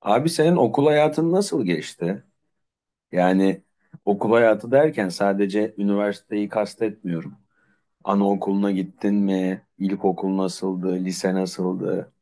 Abi senin okul hayatın nasıl geçti? Yani okul hayatı derken sadece üniversiteyi kastetmiyorum. Anaokuluna gittin mi? İlkokul nasıldı? Lise nasıldı?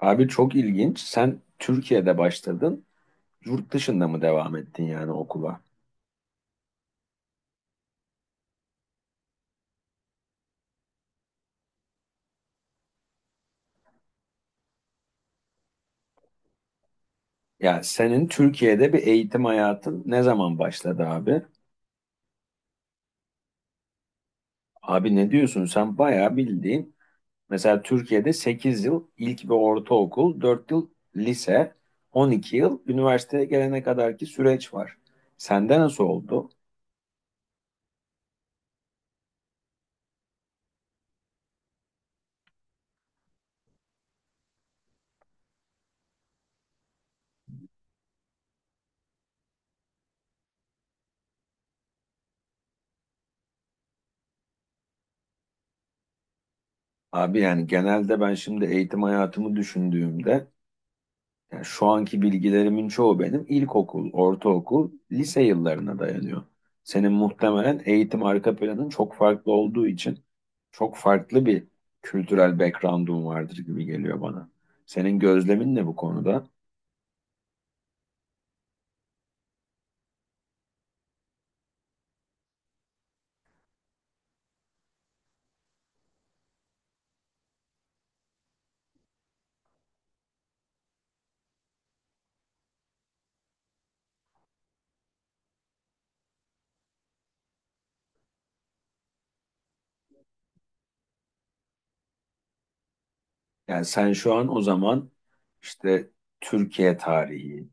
Abi çok ilginç. Sen Türkiye'de başladın. Yurt dışında mı devam ettin yani okula? Ya senin Türkiye'de bir eğitim hayatın ne zaman başladı abi? Abi ne diyorsun? Sen bayağı bildiğin. Mesela Türkiye'de 8 yıl ilk ve ortaokul, 4 yıl lise, 12 yıl üniversiteye gelene kadarki süreç var. Sende nasıl oldu? Abi yani genelde ben şimdi eğitim hayatımı düşündüğümde yani şu anki bilgilerimin çoğu benim ilkokul, ortaokul, lise yıllarına dayanıyor. Senin muhtemelen eğitim arka planın çok farklı olduğu için çok farklı bir kültürel background'un vardır gibi geliyor bana. Senin gözlemin ne bu konuda? Yani sen şu an o zaman işte Türkiye tarihi,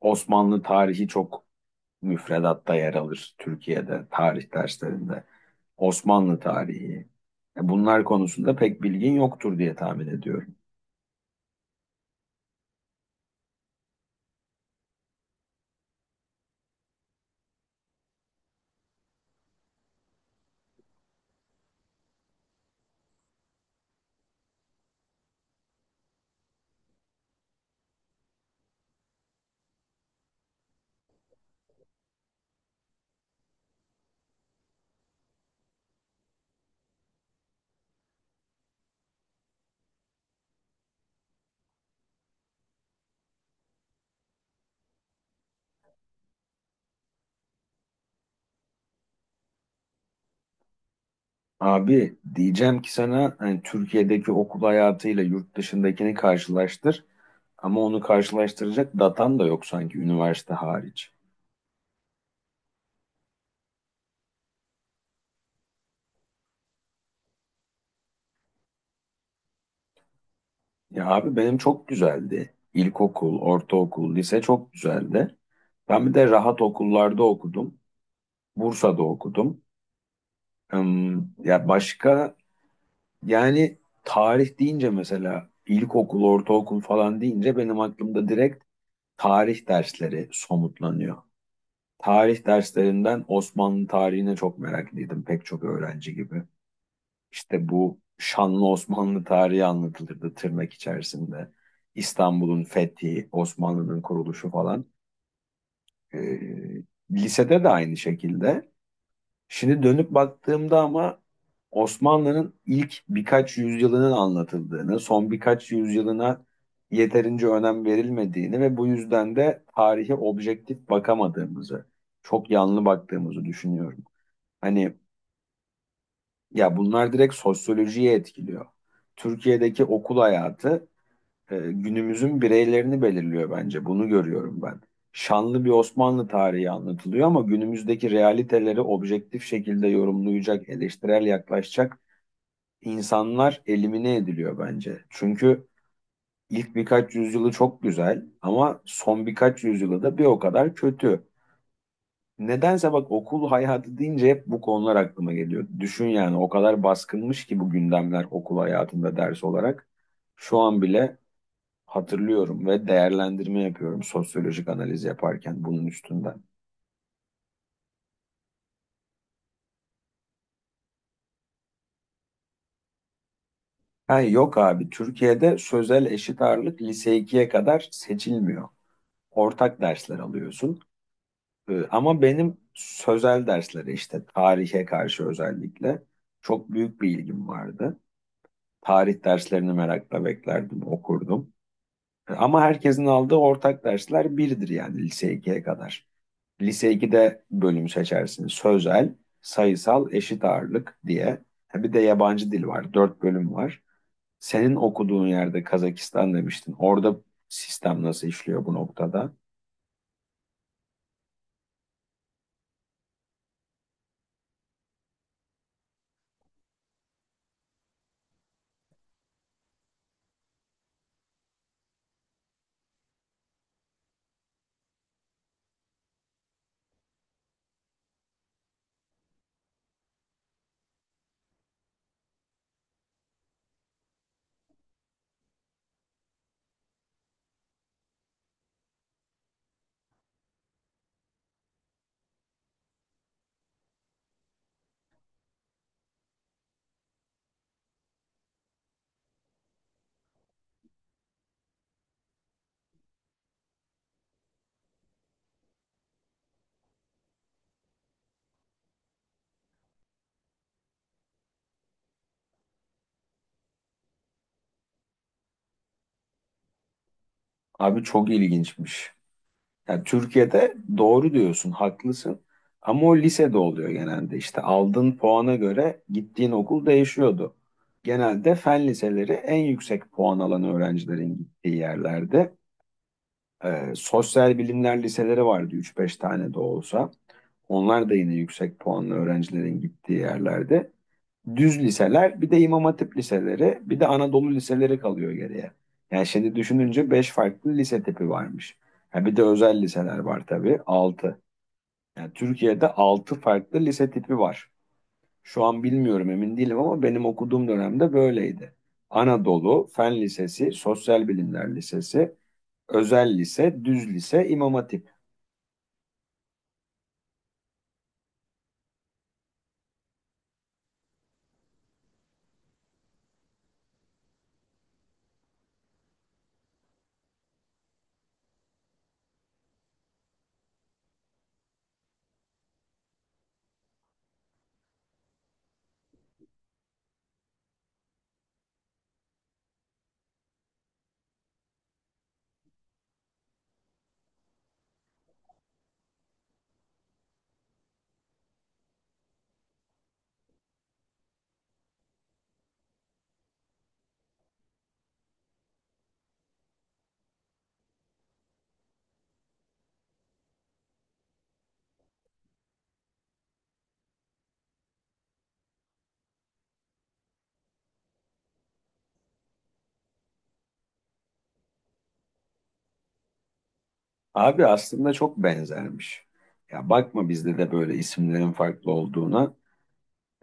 Osmanlı tarihi çok müfredatta yer alır Türkiye'de tarih derslerinde. Osmanlı tarihi. Bunlar konusunda pek bilgin yoktur diye tahmin ediyorum. Abi diyeceğim ki sana hani Türkiye'deki okul hayatıyla yurt dışındakini karşılaştır ama onu karşılaştıracak datan da yok sanki üniversite hariç. Ya abi benim çok güzeldi. İlkokul, ortaokul, lise çok güzeldi. Ben bir de rahat okullarda okudum. Bursa'da okudum. Ya başka yani tarih deyince mesela ilkokul, ortaokul falan deyince benim aklımda direkt tarih dersleri somutlanıyor. Tarih derslerinden Osmanlı tarihine çok meraklıydım pek çok öğrenci gibi. İşte bu şanlı Osmanlı tarihi anlatılırdı tırnak içerisinde. İstanbul'un fethi, Osmanlı'nın kuruluşu falan. Ee, lisede de aynı şekilde. Şimdi dönüp baktığımda ama Osmanlı'nın ilk birkaç yüzyılının anlatıldığını, son birkaç yüzyılına yeterince önem verilmediğini ve bu yüzden de tarihe objektif bakamadığımızı, çok yanlı baktığımızı düşünüyorum. Hani ya bunlar direkt sosyolojiye etkiliyor. Türkiye'deki okul hayatı günümüzün bireylerini belirliyor bence. Bunu görüyorum ben. Şanlı bir Osmanlı tarihi anlatılıyor ama günümüzdeki realiteleri objektif şekilde yorumlayacak, eleştirel yaklaşacak insanlar elimine ediliyor bence. Çünkü ilk birkaç yüzyılı çok güzel ama son birkaç yüzyılı da bir o kadar kötü. Nedense bak okul hayatı deyince hep bu konular aklıma geliyor. Düşün yani o kadar baskınmış ki bu gündemler okul hayatında ders olarak. Şu an bile hatırlıyorum ve değerlendirme yapıyorum sosyolojik analiz yaparken bunun üstünden. Ha, yok abi Türkiye'de sözel eşit ağırlık lise ikiye kadar seçilmiyor. Ortak dersler alıyorsun. Ama benim sözel derslere işte tarihe karşı özellikle çok büyük bir ilgim vardı. Tarih derslerini merakla beklerdim, okurdum. Ama herkesin aldığı ortak dersler birdir yani lise ikiye kadar. Lise 2'de bölüm seçersin. Sözel, sayısal, eşit ağırlık diye. Ha, bir de yabancı dil var. Dört bölüm var. Senin okuduğun yerde Kazakistan demiştin. Orada sistem nasıl işliyor bu noktada? Abi çok ilginçmiş. Yani Türkiye'de doğru diyorsun, haklısın. Ama o lisede oluyor genelde. İşte aldığın puana göre gittiğin okul değişiyordu. Genelde fen liseleri en yüksek puan alan öğrencilerin gittiği yerlerde. Sosyal bilimler liseleri vardı üç beş tane de olsa. Onlar da yine yüksek puanlı öğrencilerin gittiği yerlerde. Düz liseler, bir de İmam Hatip liseleri, bir de Anadolu liseleri kalıyor geriye. Yani şimdi düşününce 5 farklı lise tipi varmış. Ha bir de özel liseler var tabii 6. Yani Türkiye'de 6 farklı lise tipi var. Şu an bilmiyorum emin değilim ama benim okuduğum dönemde böyleydi. Anadolu, Fen Lisesi, Sosyal Bilimler Lisesi, Özel Lise, Düz Lise, İmam Hatip. Abi aslında çok benzermiş. Ya bakma bizde de böyle isimlerin farklı olduğuna.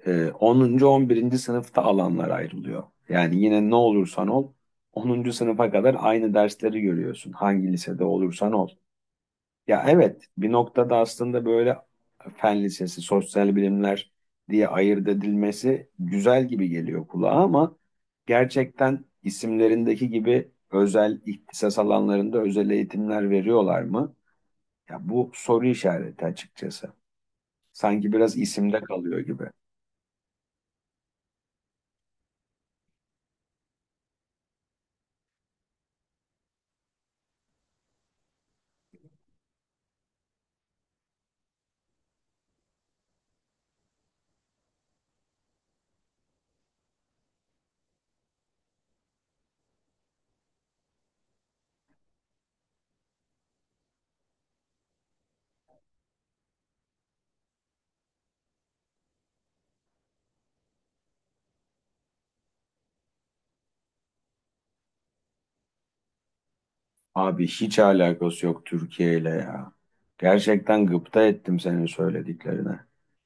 10. 11. sınıfta alanlar ayrılıyor. Yani yine ne olursan ol 10. sınıfa kadar aynı dersleri görüyorsun. Hangi lisede olursan ol. Ya evet bir noktada aslında böyle fen lisesi, sosyal bilimler diye ayırt edilmesi güzel gibi geliyor kulağa ama gerçekten isimlerindeki gibi özel ihtisas alanlarında özel eğitimler veriyorlar mı? Ya bu soru işareti açıkçası. Sanki biraz isimde kalıyor gibi. Abi hiç alakası yok Türkiye ile ya. Gerçekten gıpta ettim senin söylediklerine.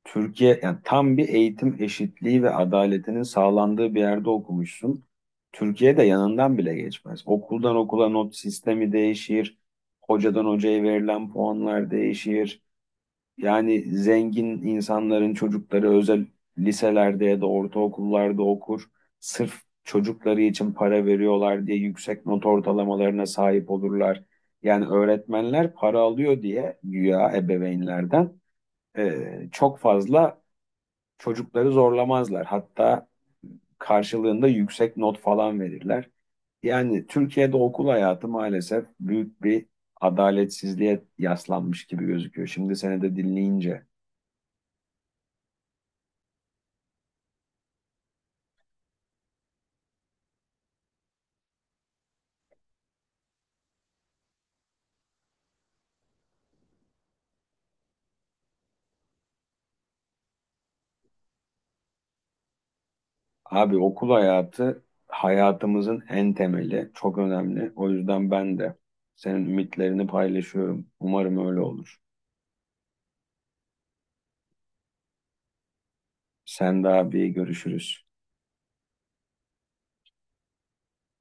Türkiye yani tam bir eğitim eşitliği ve adaletinin sağlandığı bir yerde okumuşsun. Türkiye'de yanından bile geçmez. Okuldan okula not sistemi değişir. Hocadan hocaya verilen puanlar değişir. Yani zengin insanların çocukları özel liselerde ya da ortaokullarda okur. Sırf çocukları için para veriyorlar diye yüksek not ortalamalarına sahip olurlar. Yani öğretmenler para alıyor diye güya ebeveynlerden çok fazla çocukları zorlamazlar. Hatta karşılığında yüksek not falan verirler. Yani Türkiye'de okul hayatı maalesef büyük bir adaletsizliğe yaslanmış gibi gözüküyor. Şimdi seni de dinleyince. Abi okul hayatı hayatımızın en temeli, çok önemli. O yüzden ben de senin ümitlerini paylaşıyorum. Umarım öyle olur. Sen de abi görüşürüz.